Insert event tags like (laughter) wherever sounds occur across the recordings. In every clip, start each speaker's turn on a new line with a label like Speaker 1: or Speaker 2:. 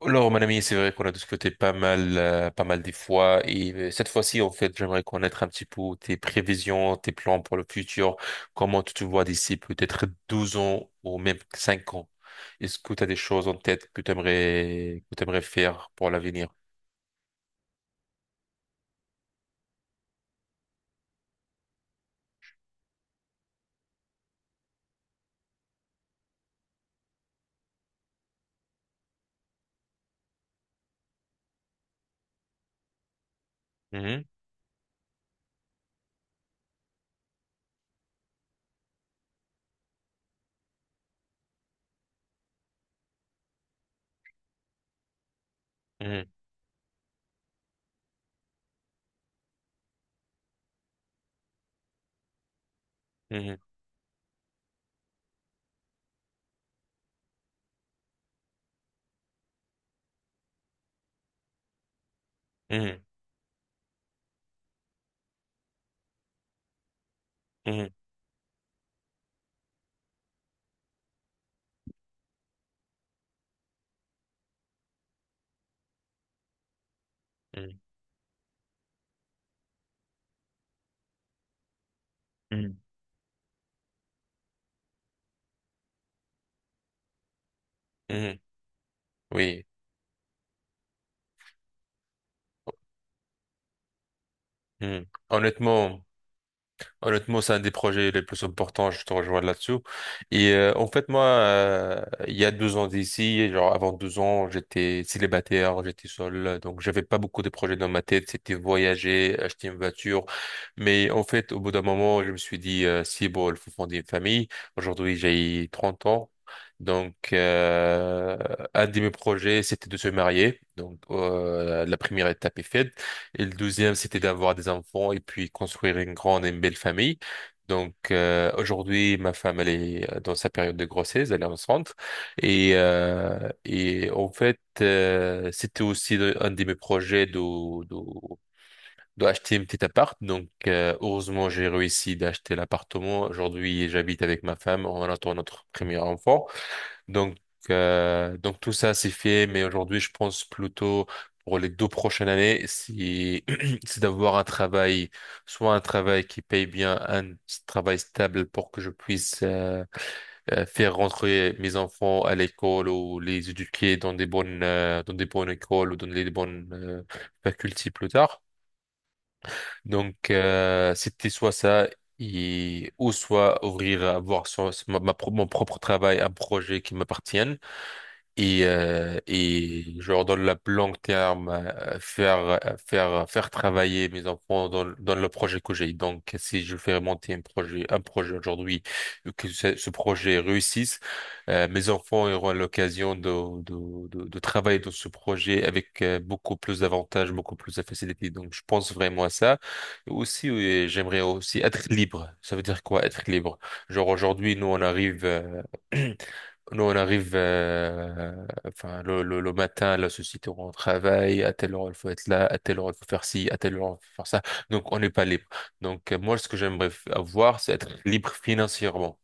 Speaker 1: Alors, mon ami, c'est vrai qu'on a discuté pas mal des fois, et cette fois-ci, en fait, j'aimerais connaître un petit peu tes prévisions, tes plans pour le futur, comment tu te vois d'ici peut-être 12 ans ou même 5 ans. Est-ce que tu as des choses en tête que tu aimerais faire pour l'avenir? Mhm, mhm, mhm, mhm, mhm, mhm, mhm, mhm. Oui. Mhm. Honnêtement, c'est un des projets les plus importants, je te rejoins là-dessus. Et en fait, moi, il y a 2 ans d'ici, genre avant 2 ans, j'étais célibataire, j'étais seul, donc j'avais pas beaucoup de projets dans ma tête. C'était voyager, acheter une voiture. Mais en fait, au bout d'un moment, je me suis dit, si bon, il faut fonder une famille. Aujourd'hui, j'ai 30 ans. Donc, un de mes projets, c'était de se marier. Donc, la première étape est faite. Et le douzième, c'était d'avoir des enfants et puis construire une grande et une belle famille. Donc aujourd'hui, ma femme, elle est dans sa période de grossesse, elle est enceinte. Et en fait, c'était aussi un de mes projets de, d'acheter un petit appart. Donc heureusement, j'ai réussi d'acheter l'appartement. Aujourd'hui, j'habite avec ma femme, on attend notre premier enfant. Donc, tout ça c'est fait, mais aujourd'hui je pense plutôt pour les deux prochaines années, c'est (clears throat) c'est d'avoir un travail, soit un travail qui paye bien, un travail stable pour que je puisse faire rentrer mes enfants à l'école ou les éduquer dans des bonnes écoles ou dans les bonnes facultés plus tard. Donc c'était soit ça. Et, ou soit ouvrir, avoir mon propre travail, un projet qui m'appartienne et je leur donne la longue terme, faire travailler mes enfants dans le projet que j'ai. Donc, si je fais monter un projet, aujourd'hui, que ce projet réussisse, mes enfants auront l'occasion de travailler dans ce projet avec beaucoup plus d'avantages, beaucoup plus de facilité. Donc, je pense vraiment à ça. Et aussi, j'aimerais aussi être libre. Ça veut dire quoi, être libre? Genre, aujourd'hui, nous, on arrive, (clears throat) Nous, on arrive enfin, le matin, la société où on travaille, à telle heure il faut être là, à telle heure il faut faire ci, à telle heure il faut faire ça. Donc, on n'est pas libre. Donc, moi, ce que j'aimerais avoir, c'est être libre financièrement.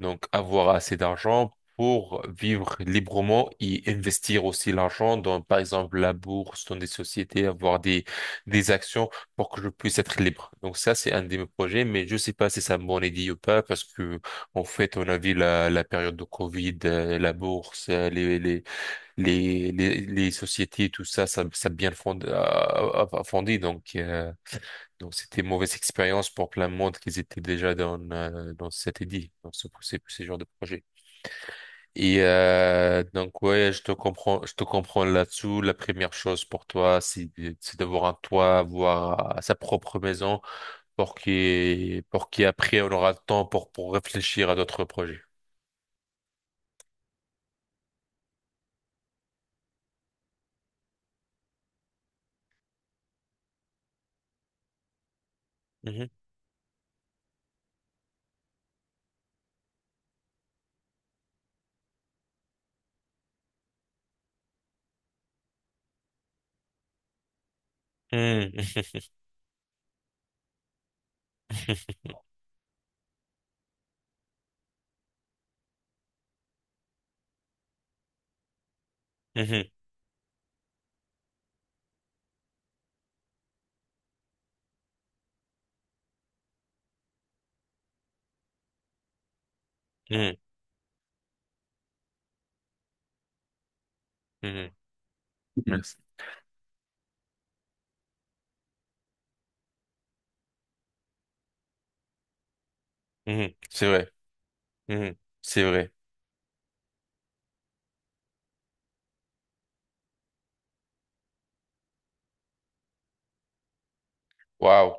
Speaker 1: Donc, avoir assez d'argent pour vivre librement et investir aussi l'argent dans, par exemple, la bourse, dans des sociétés, avoir des actions pour que je puisse être libre. Donc, ça, c'est un de mes projets, mais je sais pas si c'est une bonne idée ou pas parce que, en fait, on a vu la période de Covid, la bourse, les sociétés, tout ça a bien a fondi. Donc, c'était une mauvaise expérience pour plein de monde qui étaient déjà dans cet édit, dans ce genre de projet. Et donc ouais, je te comprends là-dessous. La première chose pour toi, c'est c'est d'avoir un toit, avoir sa propre maison, pour qui après on aura le temps pour réfléchir à d'autres projets. Mhm. Mhm. (laughs) Mhm. Mhm. Mhm. (laughs) Merci. Mhm. C'est vrai. Mhm. C'est vrai. Waouh.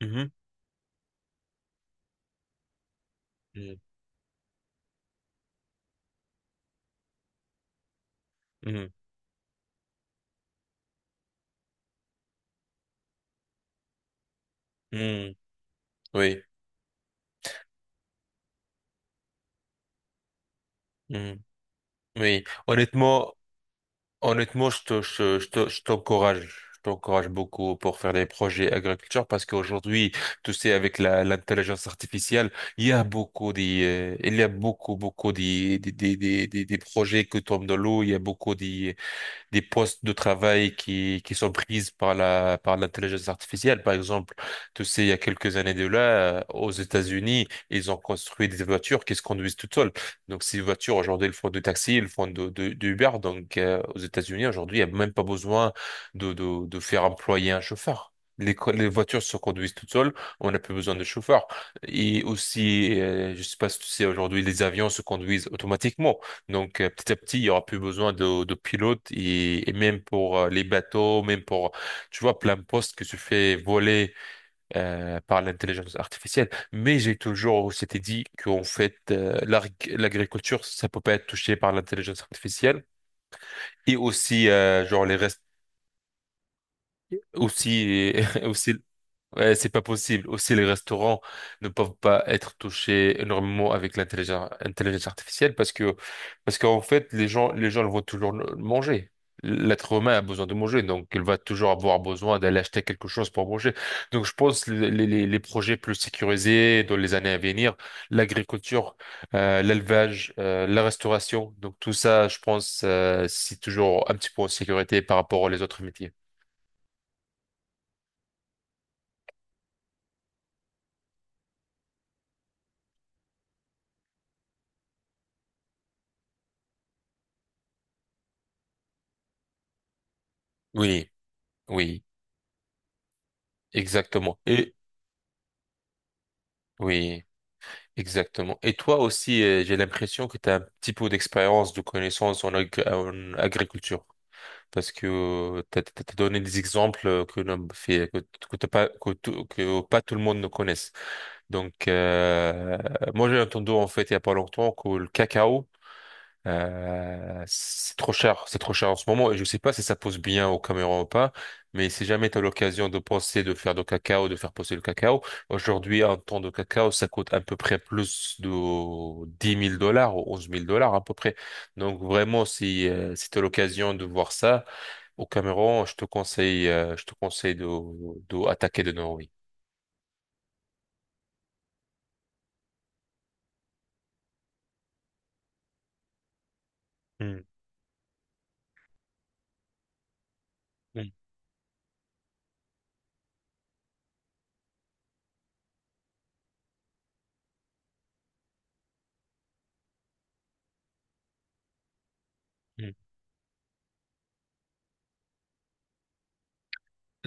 Speaker 1: Mhm. Mhm. Mhm. Mhm. Oui. Oui, honnêtement, je t'encourage beaucoup pour faire des projets agriculture parce qu'aujourd'hui, tu sais, avec l'intelligence artificielle, il y a beaucoup des, il y a beaucoup, beaucoup des projets qui tombent dans l'eau, il y a beaucoup des postes de travail qui sont prises par l'intelligence artificielle. Par exemple, tu sais, il y a quelques années de là, aux États-Unis, ils ont construit des voitures qui se conduisent toutes seules. Donc, ces voitures, aujourd'hui, elles font de taxi, elles font de Uber. Donc, aux États-Unis, aujourd'hui, il n'y a même pas besoin de faire employer un chauffeur. Les voitures se conduisent toutes seules, on n'a plus besoin de chauffeur. Et aussi, je sais pas si tu sais, aujourd'hui, les avions se conduisent automatiquement. Donc petit à petit, il y aura plus besoin de pilotes et même pour les bateaux, même pour, tu vois, plein de postes que se fait voler par l'intelligence artificielle. Mais j'ai toujours s'était dit qu'en fait, l'agriculture, ça peut pas être touché par l'intelligence artificielle. Et aussi, genre les restes, aussi, (laughs) aussi. Ouais, c'est pas possible. Aussi, les restaurants ne peuvent pas être touchés énormément avec l'intelligence intelligence artificielle, parce qu'en fait, les gens ils vont toujours manger. L'être humain a besoin de manger, donc il va toujours avoir besoin d'aller acheter quelque chose pour manger. Donc, je pense que les projets plus sécurisés dans les années à venir, l'agriculture, l'élevage, la restauration, donc tout ça, je pense, c'est toujours un petit peu en sécurité par rapport aux autres métiers. Oui, oui, exactement. Et oui. Exactement. Et toi aussi, j'ai l'impression que tu as un petit peu d'expérience, de connaissances en agriculture. Parce que tu as donné des exemples que, l'on fait, que t'as pas, que, que pas tout le monde ne connaisse. Donc, moi, j'ai entendu en fait il y a pas longtemps que le cacao, c'est trop cher en ce moment et je sais pas si ça pose bien aux caméras ou pas, mais si jamais tu as l'occasion de penser de faire du cacao, de faire pousser le cacao, aujourd'hui un ton de cacao ça coûte à peu près plus de 10 000 $ ou 11 000 $ à peu près. Donc vraiment si tu as l'occasion de voir ça au Cameroun, je te conseille de attaquer de Norway. Hmm, hmm, hmm.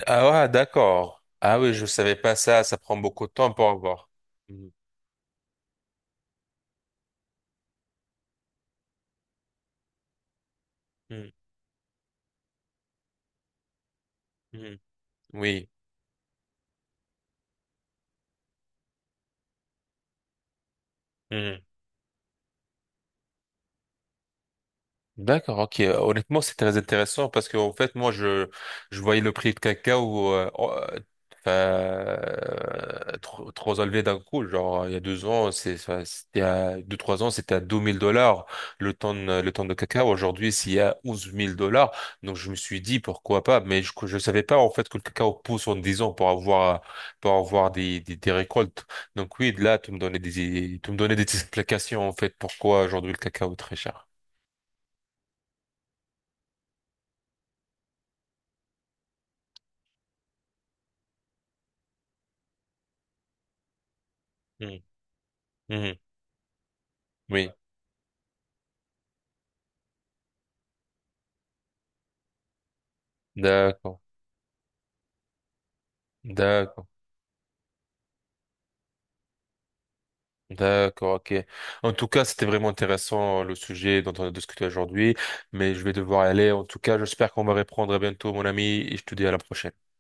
Speaker 1: Ah ouais, d'accord. Ah oui, je savais pas ça, ça prend beaucoup de temps pour avoir. Hmm, hmm, hmm. Oui. Mhm. D'accord, ok. Honnêtement, c'est très intéressant parce que en fait, moi, je voyais le prix de cacao enfin, trop, trop élevé d'un coup. Genre, il y a 2 ans, c'est enfin, c'était à deux trois ans, c'était à 2 000 $ le tonne de cacao. Aujourd'hui, c'est à onze mille dollars. Donc, je me suis dit pourquoi pas, mais je savais pas en fait que le cacao pousse en 10 ans pour avoir des récoltes. Donc oui, là, tu me donnais des (laughs) explications en fait pourquoi aujourd'hui le cacao est très cher. Hmm. Mhm. Oui, d'accord, d'accord, d'accord, ok. En tout cas, c'était vraiment intéressant le sujet dont on a discuté aujourd'hui, mais je vais devoir y aller. En tout cas, j'espère qu'on va reprendre à bientôt, mon ami, et je te dis à la prochaine.